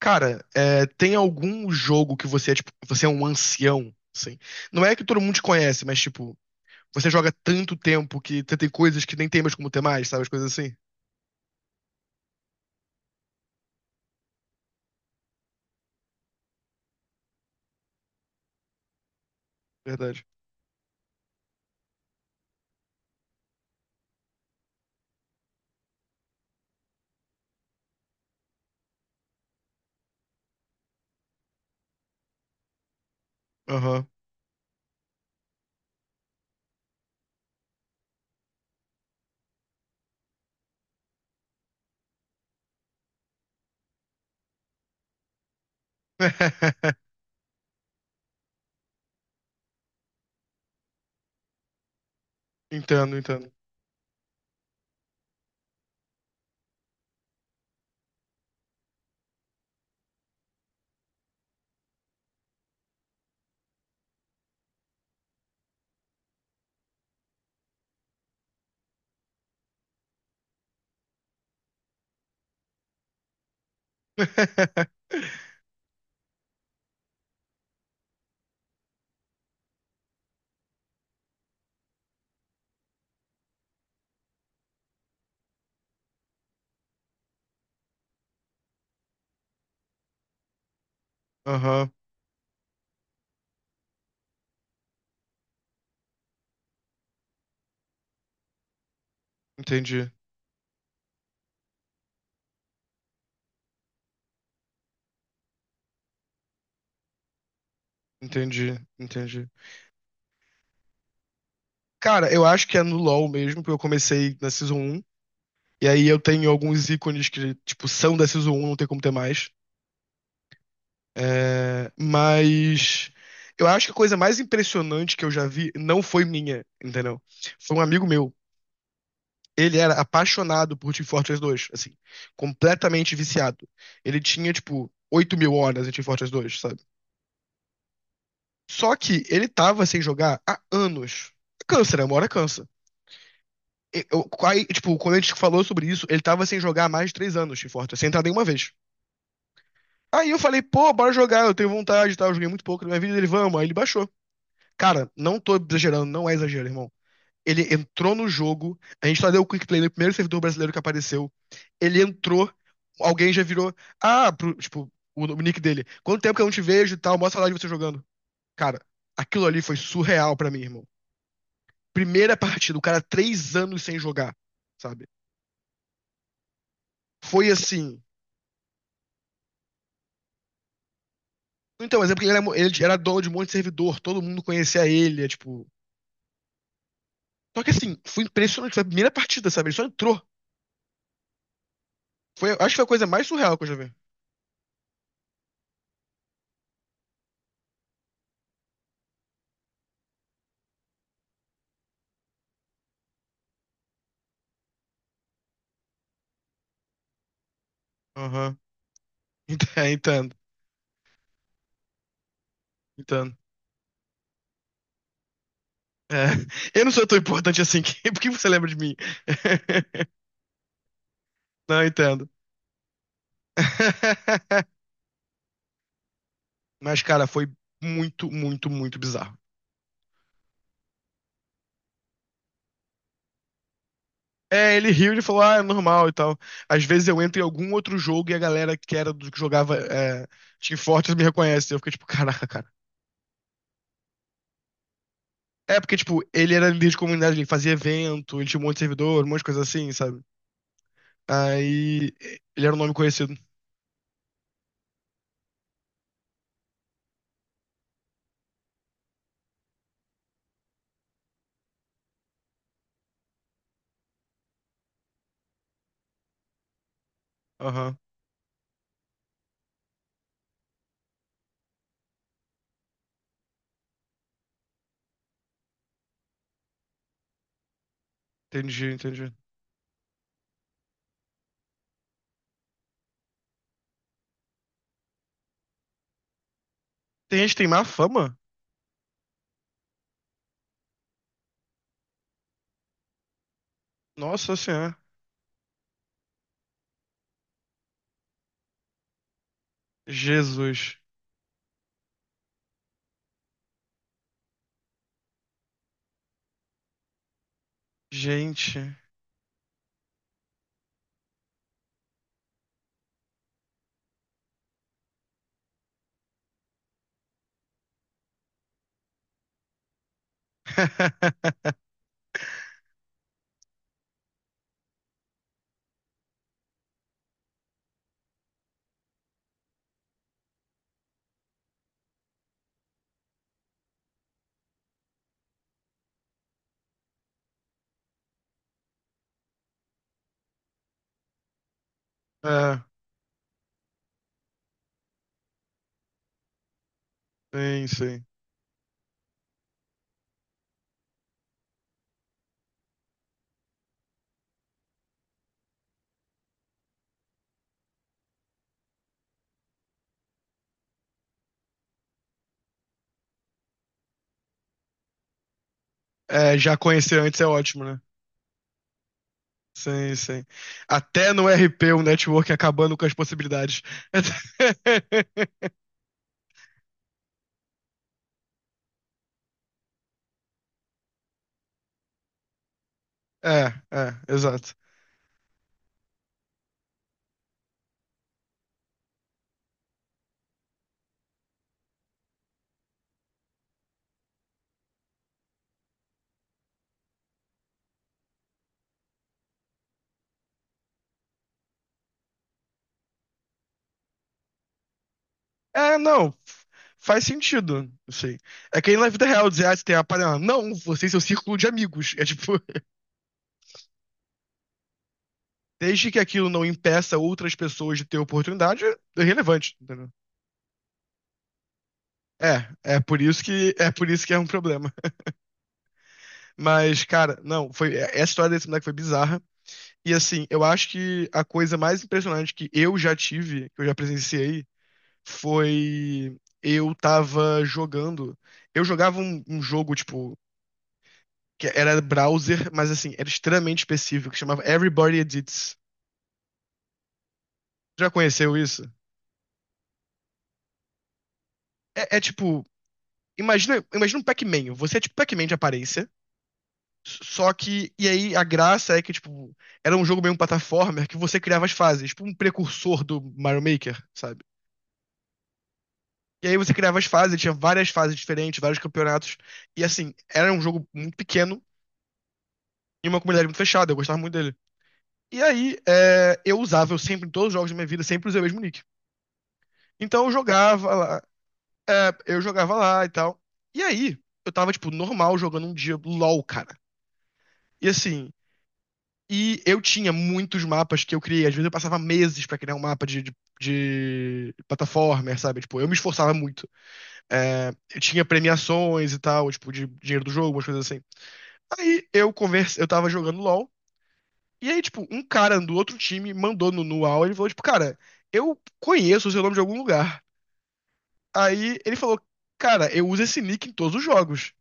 Cara, tem algum jogo que tipo, você é um ancião, assim? Não é que todo mundo te conhece, mas, tipo, você joga tanto tempo que você tem coisas que nem tem mais como ter mais, sabe? As coisas assim. Verdade. Aham. Entendo, entendo. Aham. Entendi. Entendi. Entendi. Cara, eu acho que é no LoL mesmo, porque eu comecei na Season 1. E aí eu tenho alguns ícones que, tipo, são da Season 1, não tem como ter mais. É, mas eu acho que a coisa mais impressionante que eu já vi não foi minha, entendeu? Foi um amigo meu. Ele era apaixonado por Team Fortress 2, assim, completamente viciado. Ele tinha, tipo, 8 mil horas em Team Fortress 2, sabe? Só que ele tava sem jogar há anos. Câncer, né? Uma hora cansa. Eu, aí, tipo, quando a gente falou sobre isso, ele tava sem jogar há mais de 3 anos Team Fortress, sem entrar nenhuma vez. Aí eu falei, pô, bora jogar, eu tenho vontade e tal, eu joguei muito pouco na minha vida, ele, vamos, aí ele baixou. Cara, não tô exagerando, não é exagero, irmão. Ele entrou no jogo, a gente só deu o quick play no primeiro servidor brasileiro que apareceu. Ele entrou, alguém já virou. Ah, tipo, o nick dele. Quanto tempo que eu não te vejo e tal, mostra lá de você jogando. Cara, aquilo ali foi surreal pra mim, irmão. Primeira partida, o cara 3 anos sem jogar, sabe? Foi assim. Então, mas é porque ele era dono de um monte de servidor, todo mundo conhecia ele, é tipo. Só que assim, foi impressionante, foi a primeira partida, sabe? Ele só entrou. Foi, acho que foi a coisa mais surreal que eu já vi. Ent- Entendo, entendo. É. Eu não sou tão importante assim, por que você lembra de mim? Não entendo. Mas, cara, foi muito, muito, muito bizarro. É, ele riu, ele falou, ah, é normal e tal. Às vezes eu entro em algum outro jogo e a galera que era do que jogava Team Fortress me reconhece. Eu fiquei tipo, caraca, cara. É porque, tipo, ele era líder de comunidade, ele fazia evento, ele tinha um monte de servidor, um monte de coisa assim, sabe? Aí ele era um nome conhecido. Aham, entendi, entendi. Tem gente que tem má fama? Nossa Senhora. Jesus. Gente. É, sim, sim. É, já conhecer antes é ótimo, né? Sim, sim. Até no RP o network acabando com as possibilidades. É, é, exato. É, não, faz sentido, assim. É que aí na vida real dizer, ah, você tem a panela. Não, você e seu círculo de amigos. É tipo, desde que aquilo não impeça outras pessoas de ter oportunidade, é irrelevante, entendeu? É, é por isso que é um problema. Mas, cara, não, essa história desse moleque foi bizarra. E assim, eu acho que a coisa mais impressionante que eu já tive, que eu já presenciei, foi. Eu tava jogando. Eu jogava um jogo, tipo, que era browser, mas assim, era extremamente específico, que chamava Everybody Edits. Já conheceu isso? É, é tipo. Imagina, imagina um Pac-Man. Você é tipo Pac-Man de aparência. Só que. E aí a graça é que, tipo, era um jogo meio um platformer que você criava as fases, tipo um precursor do Mario Maker, sabe? E aí você criava as fases, tinha várias fases diferentes, vários campeonatos. E assim, era um jogo muito pequeno e uma comunidade muito fechada. Eu gostava muito dele. E aí, eu sempre, em todos os jogos da minha vida, sempre usei o mesmo nick. Então eu jogava lá e tal. E aí, eu tava, tipo, normal jogando um dia LOL, cara. E assim, e eu tinha muitos mapas que eu criei. Às vezes eu passava meses pra criar um mapa de plataforma, sabe? Tipo, eu me esforçava muito. É, eu tinha premiações e tal, tipo, de dinheiro do jogo, umas coisas assim. Aí eu tava jogando LOL. E aí, tipo, um cara do outro time mandou no Nual, ele falou, tipo, cara, eu conheço o seu nome de algum lugar. Aí ele falou, cara, eu uso esse nick em todos os jogos.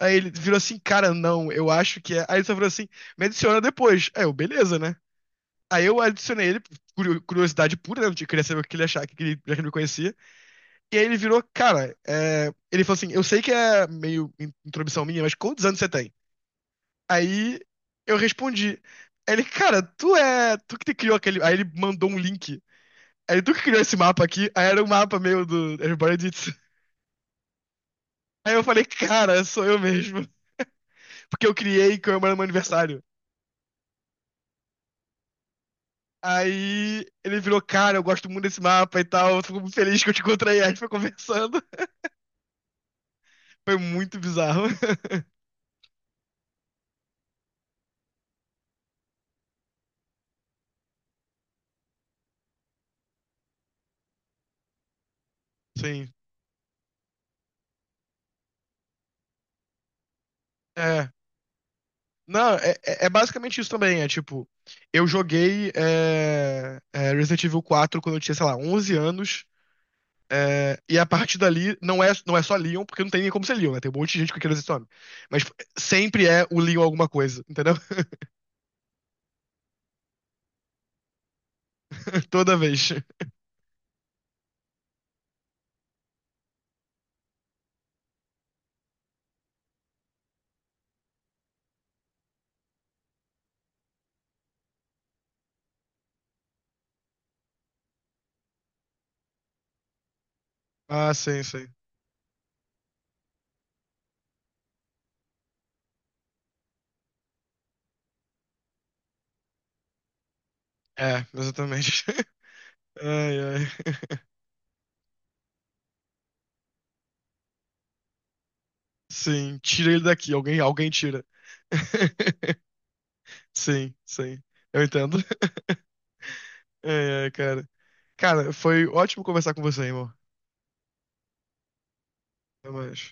Aí ele virou assim, cara, não, eu acho que é. Aí ele só virou assim, me adiciona depois. Aí eu, beleza, né? Aí eu adicionei ele, curiosidade pura, né? Eu queria saber o que ele achava, já que ele me conhecia. E aí ele virou, cara, ele falou assim, eu sei que é meio intromissão minha, mas quantos anos você tem? Aí eu respondi. Aí ele, cara, tu é. Tu que criou aquele. Aí ele mandou um link. Aí ele, tu que criou esse mapa aqui? Aí era um mapa meio do Everybody Did It. Aí eu falei, cara, sou eu mesmo. Porque eu criei comemorando meu aniversário. Aí ele virou, cara, eu gosto muito desse mapa e tal. Eu fico muito feliz que eu te encontrei. Aí a gente foi conversando. Foi muito bizarro. Sim. É. Não, é basicamente isso também. É tipo, eu joguei Resident Evil 4 quando eu tinha, sei lá, 11 anos. É, e a partir dali, não é, não é só Leon, porque não tem nem como ser Leon, né? Tem um monte de gente com aquele nome. Mas sempre é o Leon alguma coisa, entendeu? Toda vez. Ah, sim, sim. É, exatamente. Ai, ai. Sim, tira ele daqui. Alguém tira. Sim, sim. Eu entendo. Ai, ai, cara. Cara, foi ótimo conversar com você, irmão. Até mais.